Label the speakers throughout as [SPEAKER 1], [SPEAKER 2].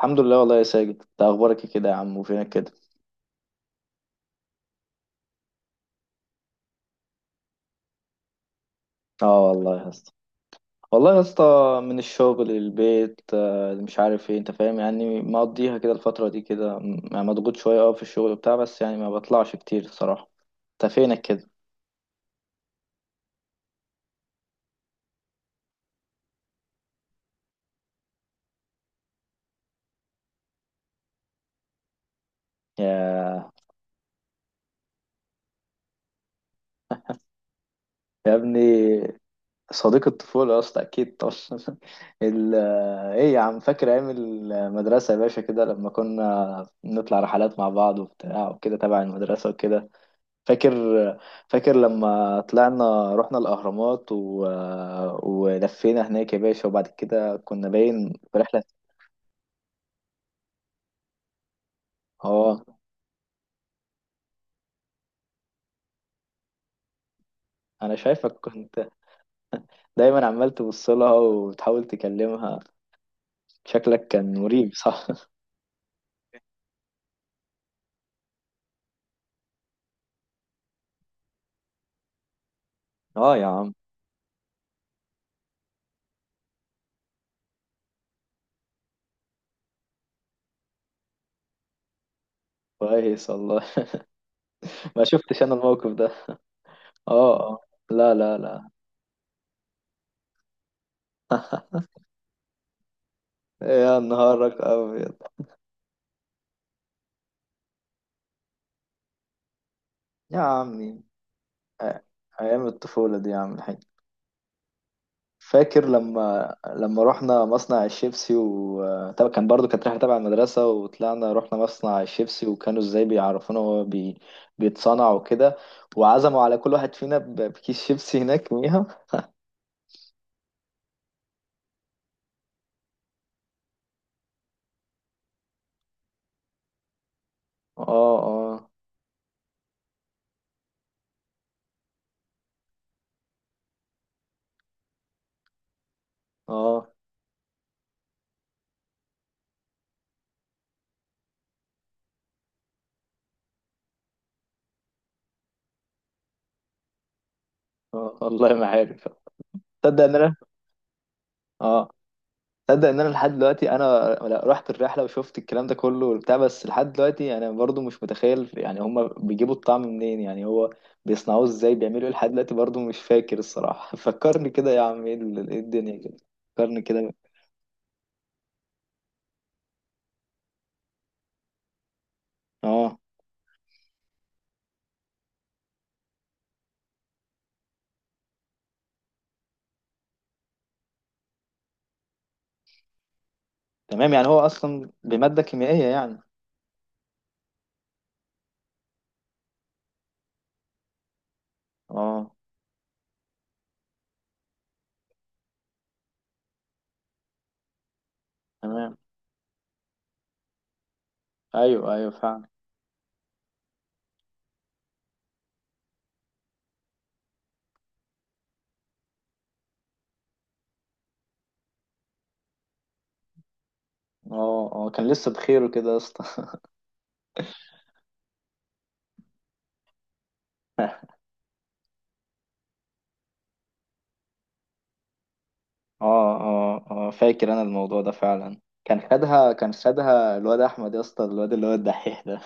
[SPEAKER 1] الحمد لله والله يا ساجد، انت اخبارك إيه كده يا عم؟ وفينك كده؟ اه والله يا اسطى. والله يا اسطى، من الشغل للبيت، مش عارف ايه، انت فاهم، يعني مقضيها كده الفترة دي كده يعني مضغوط شوية، في الشغل بتاع، بس يعني ما بطلعش كتير الصراحة. انت فينك كده؟ يا يا ابني، صديق الطفولة يا اسطى اكيد طبعا. ال... آه، ايه يا عم، فاكر ايام المدرسة يا باشا كده لما كنا نطلع رحلات مع بعض وبتاع وكده تبع المدرسة وكده؟ فاكر فاكر لما طلعنا رحنا الأهرامات ولفينا هناك يا باشا، وبعد كده كنا باين في رحلة. اه، أنا شايفك كنت دايما عمال تبصلها وتحاول تكلمها، شكلك كان مريب صح؟ اه يا عم. كويس والله. ما شفتش أنا الموقف ده. اه، اه. لا، لا، لا. يا نهارك أبيض. يا عمي، أ- أيام الطفولة دي يا عم الحاج. فاكر لما رحنا مصنع الشيبسي؟ و طبعا كان برضو كانت رحلة تبع المدرسة، وطلعنا رحنا مصنع الشيبسي وكانوا ازاي بيعرفونا هو بيتصنع وكده، وعزموا على كل واحد فينا بكيس شيبسي هناك يوميها. اه، اه، اه. اه والله ما عارف. تصدق ان انا، اه، تصدق ان انا لحد دلوقتي انا، لا، رحت الرحله وشفت الكلام ده كله وبتاع، بس لحد دلوقتي انا برضو مش متخيل يعني هما بيجيبوا الطعم منين، يعني هو بيصنعوه ازاي، بيعملوا ايه؟ لحد دلوقتي برضو مش فاكر الصراحه. فكرني كده يا عم، إيه الدنيا كده. فكرني كده. اه تمام، يعني هو اصلا بماده كيميائيه يعني. اه تمام. ايوه، ايوه، فعلا. اه اه، كان لسه بخير كده يا اسطى. اه اه اه، فاكر انا الموضوع ده فعلا، كان خدها الواد احمد يا اسطى، الواد اللي هو الدحيح ده.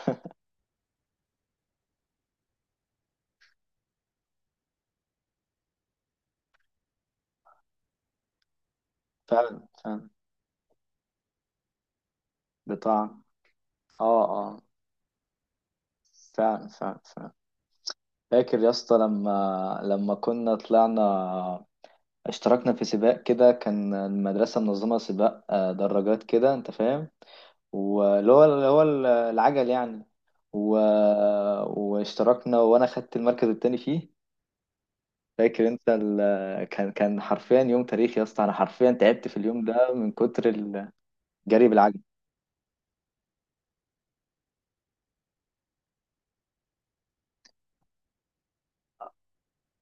[SPEAKER 1] فعلا فعلا. بطعم. اه اه. فعلا فعلا فعلا. فاكر يا اسطى لما كنا طلعنا، اشتركنا في سباق كده، كان المدرسة منظمة سباق دراجات كده انت فاهم، واللي هو العجل يعني، و... واشتركنا وانا خدت المركز التاني فيه. فاكر انت كان حرفيا يوم تاريخي يا اسطى، انا حرفيا تعبت في اليوم ده من كتر الجري بالعجل.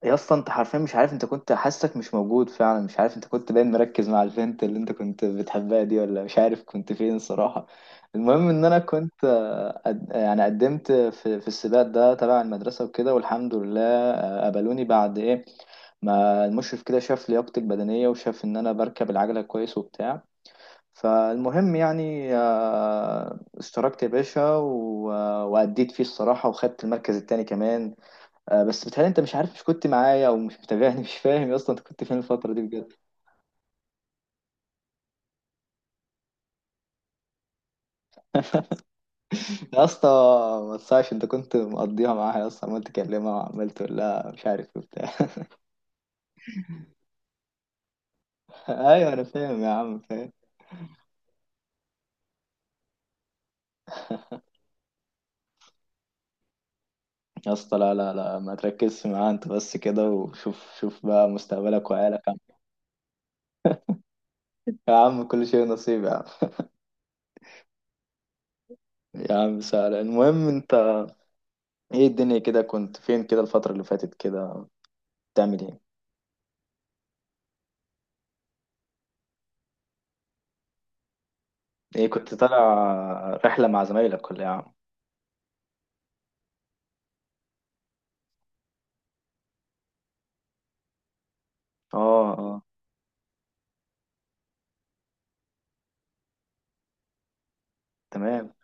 [SPEAKER 1] يا اسطى، انت حرفيا مش عارف، انت كنت حاسك مش موجود فعلا، مش عارف انت كنت باين مركز مع البنت اللي انت كنت بتحبها دي، ولا مش عارف كنت فين صراحة. المهم ان انا كنت، يعني قدمت في السباق ده تبع المدرسة وكده، والحمد لله قبلوني بعد ايه ما المشرف كده شاف لياقتي البدنية وشاف إن أنا بركب العجلة كويس وبتاع. فالمهم يعني اشتركت يا باشا وأديت فيه الصراحة، وخدت المركز التاني كمان. بس بتهيألي انت مش عارف، مش كنت معايا او مش متابعني، مش فاهم يا اسطى انت كنت فين الفتره دي بجد. يا اسطى ما تصحش، انت كنت مقضيها معاها يا اسطى، عمال تكلمها وعمال تقول لها مش عارف وبتاع. ايوه، انا فاهم يا عم، فاهم. يا اسطى، لا، لا، لا، ما تركزش معاها انت بس كده، وشوف شوف بقى مستقبلك وعيالك يا عم. يا عم كل شيء نصيب يا عم. يا عم سهل، المهم انت ايه الدنيا كده؟ كنت فين كده الفتره اللي فاتت كده؟ بتعمل ايه؟ ايه كنت طالع رحله مع زمايلك ولا إيه يا عم؟ اه، اه، تمام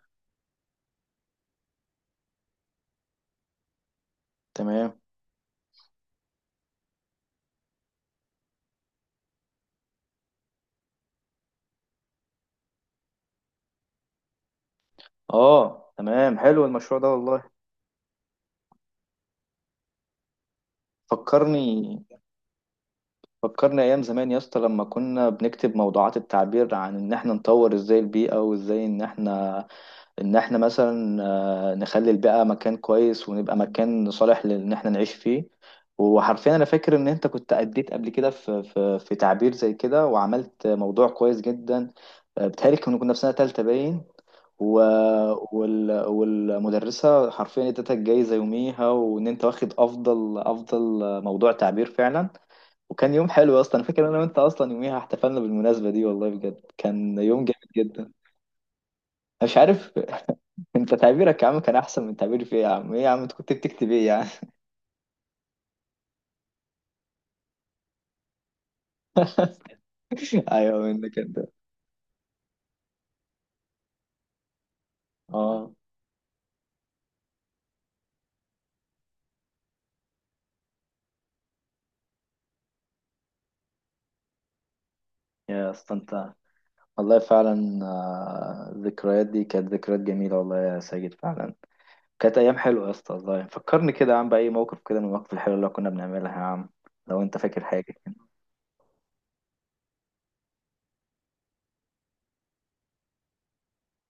[SPEAKER 1] تمام. اه تمام، حلو المشروع ده والله. فكرني فكرني ايام زمان يا اسطى، لما كنا بنكتب موضوعات التعبير عن ان احنا نطور ازاي البيئة، وازاي ان احنا مثلا نخلي البيئة مكان كويس، ونبقى مكان صالح لان احنا نعيش فيه. وحرفيا انا فاكر ان انت كنت اديت قبل كده في تعبير زي كده، وعملت موضوع كويس جدا. بتهيألي كنا في سنة تالتة باين. و... والمدرسة حرفيا ادتها الجايزة يوميها، وان انت واخد افضل افضل موضوع تعبير فعلا. وكان يوم حلو اصلا، أنا فاكر إن انا وانت اصلا يوميها احتفلنا بالمناسبة دي، والله بجد كان يوم جامد جدا انا مش عارف. انت تعبيرك يا عم كان احسن من تعبيري في ايه يا عم؟ ايه يا عم انت كنت بتكتب ايه يعني؟ ايوه منك انت. اه يا اسطى انت، والله فعلا الذكريات دي كانت ذكريات جميلة، والله يا ساجد فعلا. كانت ايام حلوه يا اسطى والله. فكرني كده يا عم باي موقف كده من المواقف الحلوه اللي كنا بنعملها يا عم، لو انت فاكر حاجه كده.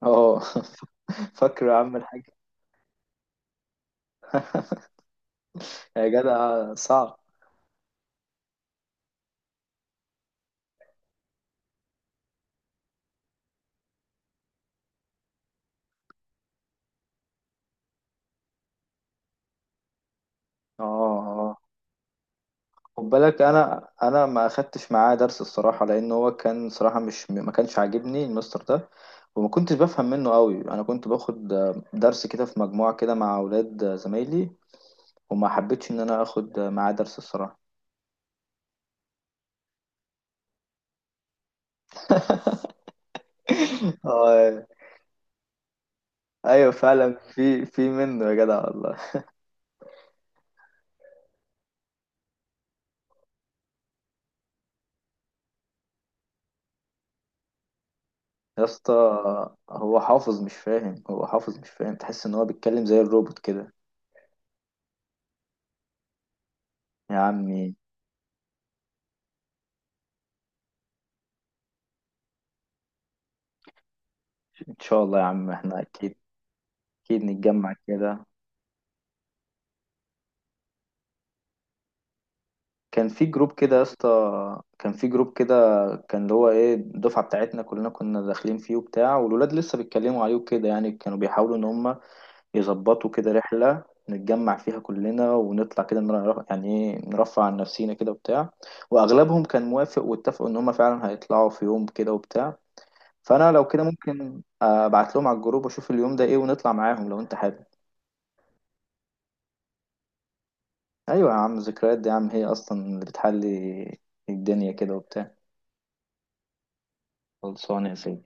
[SPEAKER 1] اه. فاكر يا عم الحاج. يا جدع صعب. اه، اه. خد بالك انا ما اخدتش معاه درس الصراحه، لان هو كان صراحه، مش ما كانش عاجبني المستر ده. وما كنتش بفهم منه قوي، انا كنت باخد درس كده في مجموعه كده مع اولاد زمايلي، وما حبيتش ان انا اخد معاه درس الصراحه. اه ايوه، فعلا في منه يا جدع والله. يا اسطى هو حافظ مش فاهم، هو حافظ مش فاهم، تحس ان هو بيتكلم زي الروبوت كده. يا عمي، ان شاء الله يا عم احنا اكيد. اكيد نتجمع كده. كان في جروب كده يا اسطى، كان في جروب كده، كان اللي هو ايه الدفعه بتاعتنا كلنا كنا داخلين فيه وبتاع، والولاد لسه بيتكلموا عليه وكده، يعني كانوا بيحاولوا ان هم يظبطوا كده رحله نتجمع فيها كلنا، ونطلع كده يعني ايه، نرفع عن نفسينا كده وبتاع. واغلبهم كان موافق، واتفقوا ان هم فعلا هيطلعوا في يوم كده وبتاع. فانا لو كده ممكن ابعت لهم على الجروب، واشوف اليوم ده ايه، ونطلع معاهم لو انت حابب. ايوه يا عم، ذكريات دي يا عم هي اصلا اللي بتحلي الدنيا كده وبتاع. خلصانه يا سيدي.